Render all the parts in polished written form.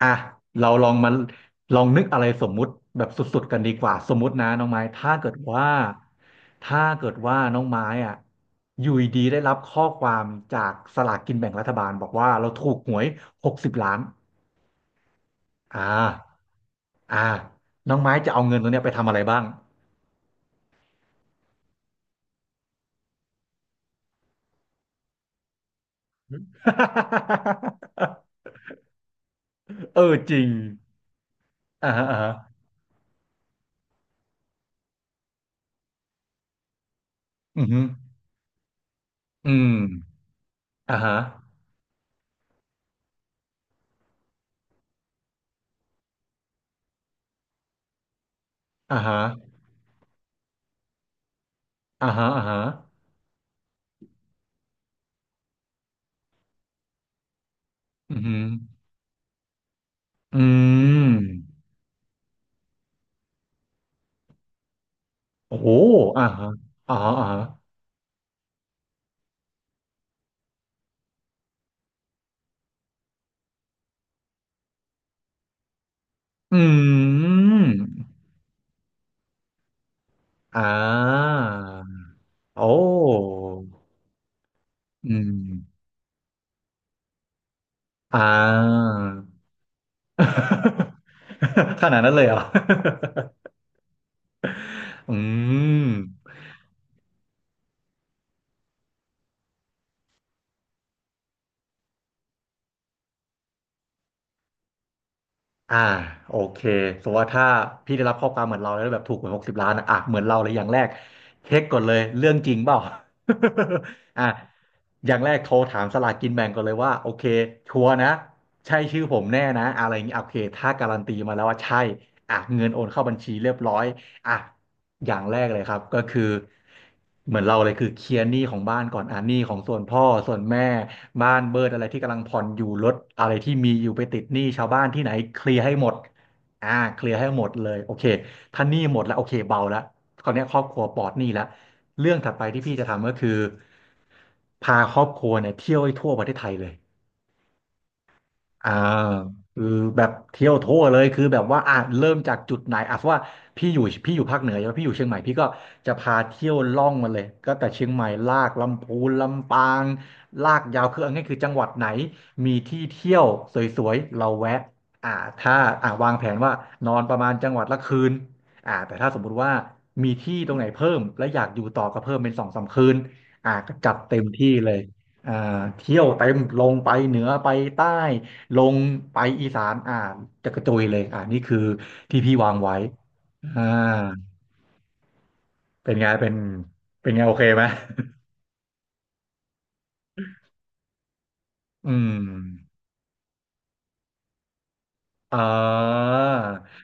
อ่ะเราลองมาลองนึกอะไรสมมุติแบบสุดๆกันดีกว่าสมมุตินะน้องไม้ถ้าเกิดว่าน้องไม้อ่ะอยู่ดีๆได้รับข้อความจากสลากกินแบ่งรัฐบาลบอกว่าเราถูกหวยหกสิบล้านอ่าอ่าน้องไม้จะเอาเงินตรงเนี้ยไปทำอะไรบ้าง เออจริงอ่าฮะอ่าฮะอือฮึอืมอ่าฮะอ่าฮะอ่าฮะอ่าฮะอือฮึอืม โอ้โหอ่าฮะอ่าฮะอ่าฮะอืมอ่าโอ้อืมอ่า ขนาดนั้นเลยเหรอ อืม อ่าโอเคสมมติว่าถ้าพี่ได้รับข้อความเหมือนเราแล้วแบบถูกหวยหกสิบล้านอะอ่ะเหมือนเราเลยอย่างแรกเช็คก่อนเลยเรื่องจริงเปล่า อ่ะอย่างแรกโทรถามสลากกินแบ่งก่อนเลยว่าโอเคชัวร์นะใช่ชื่อผมแน่นะอะไรอย่างนี้โอเคถ้าการันตีมาแล้วว่าใช่อ่ะเงินโอนเข้าบัญชีเรียบร้อยอ่ะ อย่างแรกเลยครับก็คือเหมือนเราเลยคือเคลียร์หนี้ของบ้านก่อนอ่ะหนี้ของส่วนพ่อส่วนแม่บ้านเบิดอะไรที่กำลังผ่อนอยู่รถอะไรที่มีอยู่ไปติดหนี้ชาวบ้านที่ไหนเคลียร์ให้หมดอ่าเคลียร์ให้หมดเลยโอเคถ้าหนี้หมดแล้วโอเคเบาแล้วคราวเนี้ยครอบครัวปลอดหนี้แล้วเรื่องถัดไปที่พี่จะทำก็คือพาครอบครัวเนี่ยเที่ยวให้ทั่วประเทศไทยเลย อ่าคือแบบเที่ยวทั่วเลยคือแบบว่าอ่ะเริ่มจากจุดไหนอ่ะเพราะว่าพี่อยู่ภาคเหนือใช่ไหมพี่อยู่เชียงใหม่พี่ก็จะพาเที่ยวล่องมาเลยก็แต่เชียงใหม่ลากลำพูนลำปางลากยาวคือเอาง่ายคือจังหวัดไหนมีที่เที่ยวสวยๆเราแวะอ่าถ้าอ่าวางแผนว่านอนประมาณจังหวัดละคืนอ่าแต่ถ้าสมมุติว่ามีที่ตรงไหนเพิ่มและอยากอยู่ต่อก็เพิ่มเป็นสองสามคืนอ่าก็จัดเต็มที่เลยอ่าเที่ยวเต็มลงไปเหนือไปใต้ ลงไปอีสานอ่าจะกระจุยเลยอ่านี่คือที่พี่วางไว้อ่าเป็นไงเป็นเป็นไงโอเคไหม อืมอ่า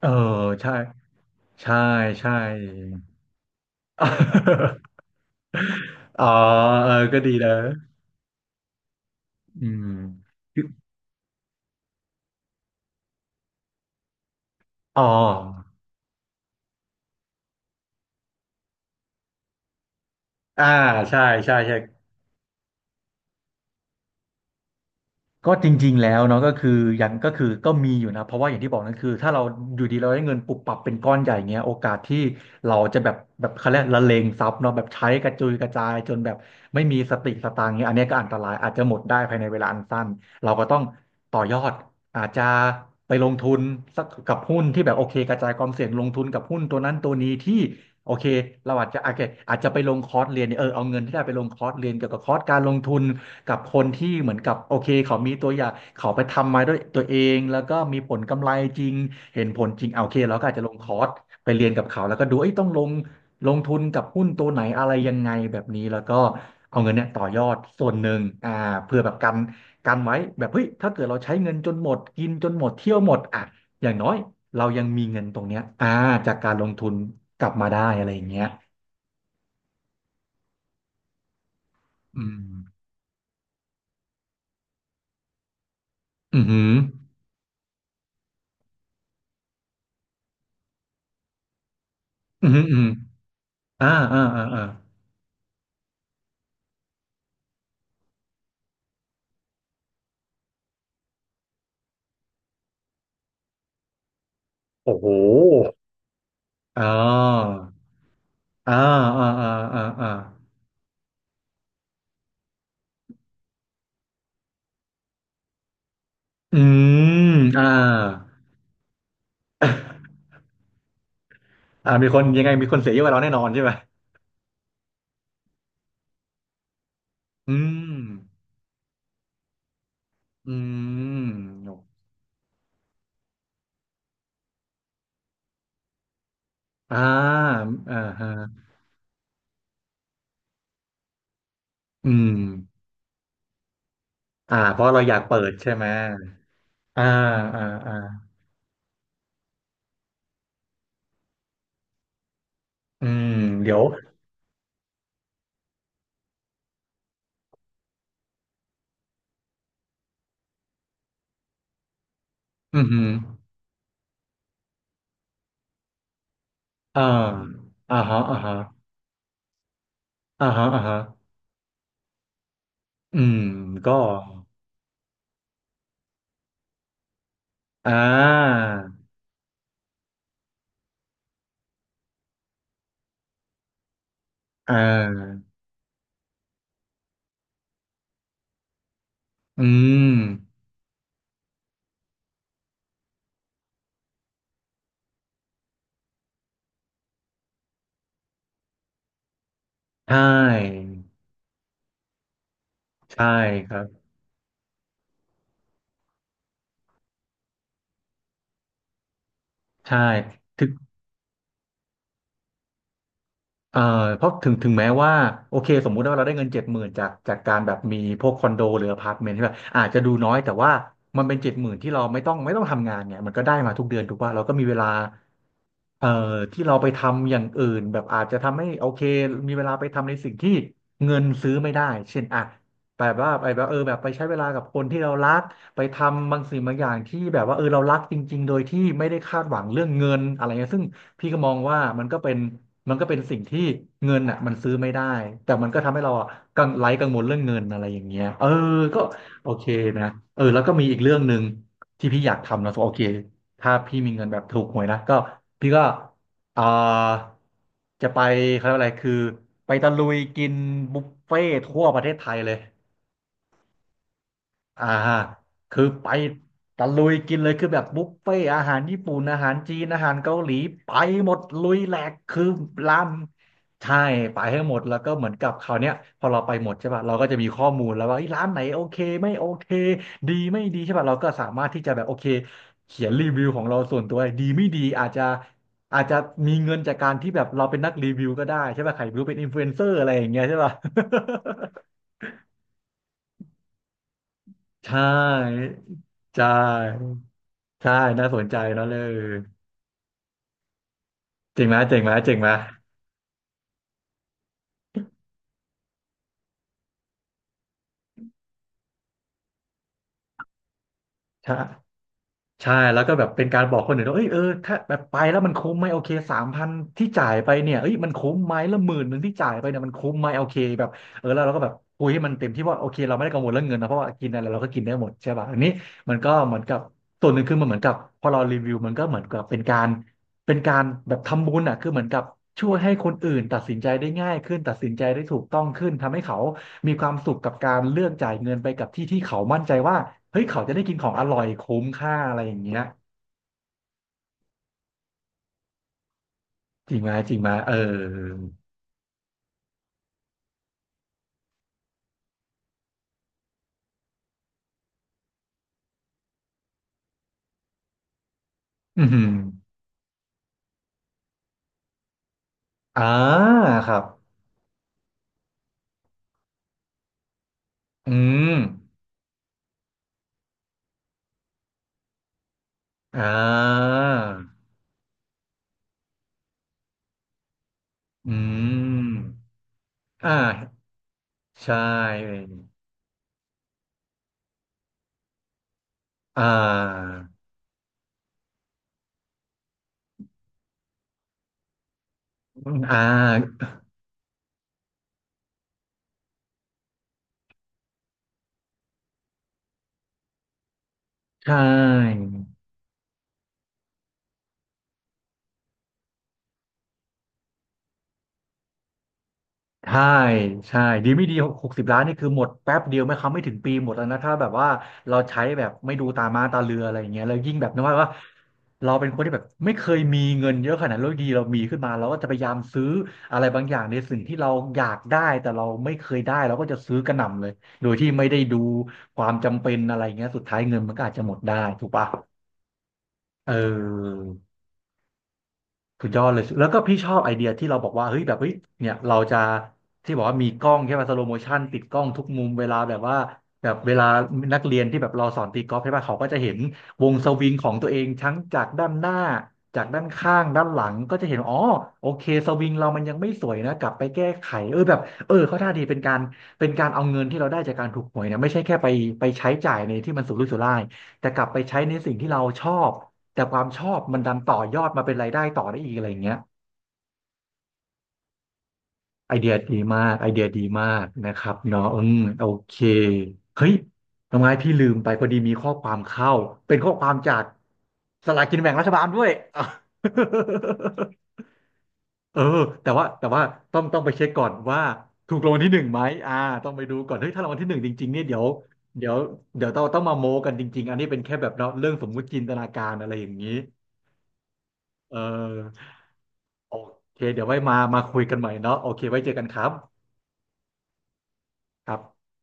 เออใช่ใช่ใช่ อ๋อเออก็ดีนะอืมอ๋ออ่าใช่ใช่ใช่ ก็จริงๆแล้วเนาะก็คือยังก็คือก็มีอยู่นะเพราะว่าอย่างที่บอกนั่นคือถ้าเราอยู่ดีเราได้เงินปุบปับเป็นก้อนใหญ่เงี้ยโอกาสที่เราจะแบบแบบเขาเรียกละเลงทรัพย์เนาะแบบใช้กระจุยกระจายจนแบบไม่มีสติสตางค์เงี้ยอันเนี้ยก็อันตรายอาจจะหมดได้ภายในเวลาอันสั้นเราก็ต้องต่อยอดอาจจะไปลงทุนสักกับหุ้นที่แบบโอเคกระจายความเสี่ยงลงทุนกับหุ้นตัวนั้นตัวนี้ที่โอเคเราอาจจะโอเคอาจจะไปลงคอร์สเรียนเนี่ยเออเอาเงินที่ได้ไปลงคอร์สเรียนเกี่ยวกับคอร์สการลงทุน กับคนที่เหมือนกับโอเคเขามีตัวอย่างเขาไปทำมาด้วยตัวเองแล้วก็มีผลกำไรจริงเห็นผลจริงเอาโอเคเราก็อาจจะลงคอร์สไปเรียนกับเขาแล้วก็ดูเอ้ยต้องลงทุนกับหุ้นตัวไหนอะไรยังไงแบบนี้แล้วก็เอาเงินเนี่ยต่อยอดส่วนหนึ่งอ่าเพื่อแบบกันไว้แบบเฮ้ยถ้าเกิดเราใช้เงินจนหมดกินจนหมดเที่ยวหมดอ่ะอย่างน้อยเรายังมีเงินตรงเนี้ยอ่าจากการลงทุนกลับมาได้อะไรอย่างเงี้ยอืมอืมอหืมออืมอหืมออืมอ่าอ่าอ่าอ่า โอ้โหอ่าอ่าอ่าอ่าอ่าอ่าอืมอ่าอ่ามีคนยังไงมีคนเสียเยอะกว่าเราแน่นอนใช่ไหมอืมอืมอ่าอ่าฮะอืมอ่าเพราะเราอยากเปิดใช่ไหมอ่าอ่าอ่าอืมเดี๋ยวอืมอหืออ่าอ่าฮะอ่าฮะอ่าฮะอ่าฮะอืมก็อ่าอ่าอืมใช่ ใช่ครับใช่ถึง เอ่อเพราะถึงแม้ว่าโอเคสมมุติว่าเราได้เงินเจ็ดหมื่นจากการแบบมีพวกคอนโดหรืออพาร์ตเมนต์ใช่ป่ะอาจจะดูน้อยแต่ว่ามันเป็นเจ็ดหมื่นที่เราไม่ต้องทำงานไงมันก็ได้มาทุกเดือนถูกป่ะเราก็มีเวลาเอ่อที่เราไปทำอย่างอื่นแบบอาจจะทำให้โอเคมีเวลาไปทำในสิ่งที่เงินซื้อไม่ได้เช่นอ่ะแบบว่าไปแบบเออแบบไปใช้เวลากับคนที่เรารักไปทำบางสิ่งบางอย่างที่แบบว่าเออเรารักจริงๆโดยที่ไม่ได้คาดหวังเรื่องเงินอะไรเงี้ยซึ่งพี่ก็มองว่ามันก็เป็น มันก็เป็นสิ่งที่เงินอ่ะมันซื้อไม่ได้แต่มันก็ทำให้เราอ่ะกังวลเรื่องเงินอะไรอย่างเงี้ยเออก็โอเคนะเออแล้วก็มีอีกเรื่องหนึ่งที่พี่อยากทำนะโอเคถ้าพี่มีเงินแบบถูกหวยนะก็พี่ก็อ่าจะไปเขาเรียกว่าอะไรคือไปตะลุยกินบุฟเฟ่ทั่วประเทศไทยเลย อ่าคือไปตะลุยกินเลยคือแบบบุฟเฟ่ต์อาหารญี่ปุ่นอาหารจีนอาหารเกาหลีไปหมดลุยแหลกคือลามใช่ไปให้หมดแล้วก็เหมือนกับคราวเนี้ยพอเราไปหมดใช่ป่ะเราก็จะมีข้อมูลแล้วว่าเอ้ยร้านไหนโอเคไม่โอเคดีไม่ดีใช่ป่ะเราก็สามารถที่จะแบบโอเคเขียนรีวิวของเราส่วนตัวดีไม่ดีอาจจะมีเงินจากการที่แบบเราเป็นนักรีวิวก็ได้ใช่ป่ะใครไม่รู้เป็นอินฟลูเอนเซอร์อะไรอย่างเงี้ยใช่ป่ะ ใช่ใช่ ใช่ น่าสนใจเนอะเลยเจ๋งไหมเจ๋งไหมเจ๋งไหมใช่ ใช่แล้วก็แบบเป็นการบอกคนอื่นว่าเอ้ยเออถ้าแบบไปแล้วมันคุ้มไหมโอเค3,000ที่จ่ายไปเนี่ยเอ้ยมันคุ้มไหมแล้ว10,000ที่จ่ายไปเนี่ยมันคุ้มไหมโอเคแบบเออแล้วเราก็แบบคุยให้มันเต็มที่ว่าโอเคเราไม่ได้กังวลเรื่องเงินนะเพราะว่ากินอะไรเราก็กินได้หมดใช่ป่ะอันนี้มันก็เหมือนกับส่วนหนึ่งคือมันเหมือนกับพอเรารีวิวมันก็เหมือนกับเป็นการแบบทำบุญอ่ะคือเหมือนกับช่วยให้คนอื่นตัดสินใจได้ง่ายขึ้นตัดสินใจได้ถูกต้องขึ้นทำให้เขา มีความสุขกับการเลือกจ่ายเงินไปกับที่ที่เขามั่นใจว่า เฮ้ย เขาจะได้กินของอร่อยคุ้มค่าอะไรอย่างเงี้ยจริงไหมจริงไหมเออ อืมอหืออ่า ครับ อืม อ่า อืม อ่า ใช่ อ่า อ่า ใช่ ใช่ใช่ดีไม่ดี60,000,000นี่คือหมดแป๊บเดียวไม่ถึงปีหมดแล้วนะถ้าแบบว่าเราใช้แบบไม่ดูตาม้าตาเรืออะไรอย่างเงี้ยแล้วยิ่งแบบนึกว่าเราเป็นคนที่แบบไม่เคยมีเงินเยอะขนาดนั้นแล้วอยู่ดีเรามีขึ้นมาเราก็จะพยายามซื้ออะไรบางอย่างในสิ่งที่เราอยากได้แต่เราไม่เคยได้เราก็จะซื้อกระหน่ำเลยโดยที่ไม่ได้ดูความจำเป็นอะไรเงี้ยสุดท้ายเงินมันก็อาจจะหมดได้ถูกปะเออ สุดยอดเลยแล้วก็พี่ชอบไอเดียที่เราบอกว่าเฮ้ยแบบเฮ้ยเนี่ยเราจะที่บอกว่ามีกล้องใช่ไหมสโลโมชันติดกล้องทุกมุมเวลาแบบว่าแบบเวลานักเรียนที่แบบเราสอนตีกอล์ฟใช่ป่ะเขาก็จะเห็นวงสวิงของตัวเองทั้งจากด้านหน้าจากด้านข้างด้านหลังก็จะเห็นอ๋อโอเคสวิงเรามันยังไม่สวยนะกลับไปแก้ไขเออแบบเออเขาท่าดีเป็นการเอาเงินที่เราได้จากการถูกหวยเนี่ยไม่ใช่แค่ไปใช้จ่ายในที่มันสุรุ่ยสุร่ายแต่กลับไปใช้ในสิ่งที่เราชอบ แต่ความชอบมันดันต่อยอดมาเป็นรายได้ต่อได้อีกอะไรอย่างเงี้ยไอเดียดีมากไอเดียดีมากนะครับเนาะอืมโอเคเฮ้ยทำไมพี่ลืมไปพอดีมีข้อความเข้าเป็นข้อความจากสลากกินแบ่งรัฐบาลด้วย อ่ะ เออแต่ว่าต้องไปเช็คก่อนว่าถูกรางวัลที่หนึ่งไหมอ่าต้องไปดูก่อนเฮ้ยถ้ารางวัลที่หนึ่งจริงๆเนี่ยเดี๋ยวเดี๋ยวต้องมาโม้กันจริงๆอันนี้เป็นแค่แบบเนาะเรื่องสมมุติจินตนาการอะไรอย่างนี้เออ โอเคเดี๋ยวไว้มาคุยกันใหม่เนาะโอเคไว้เจอกันครับครับ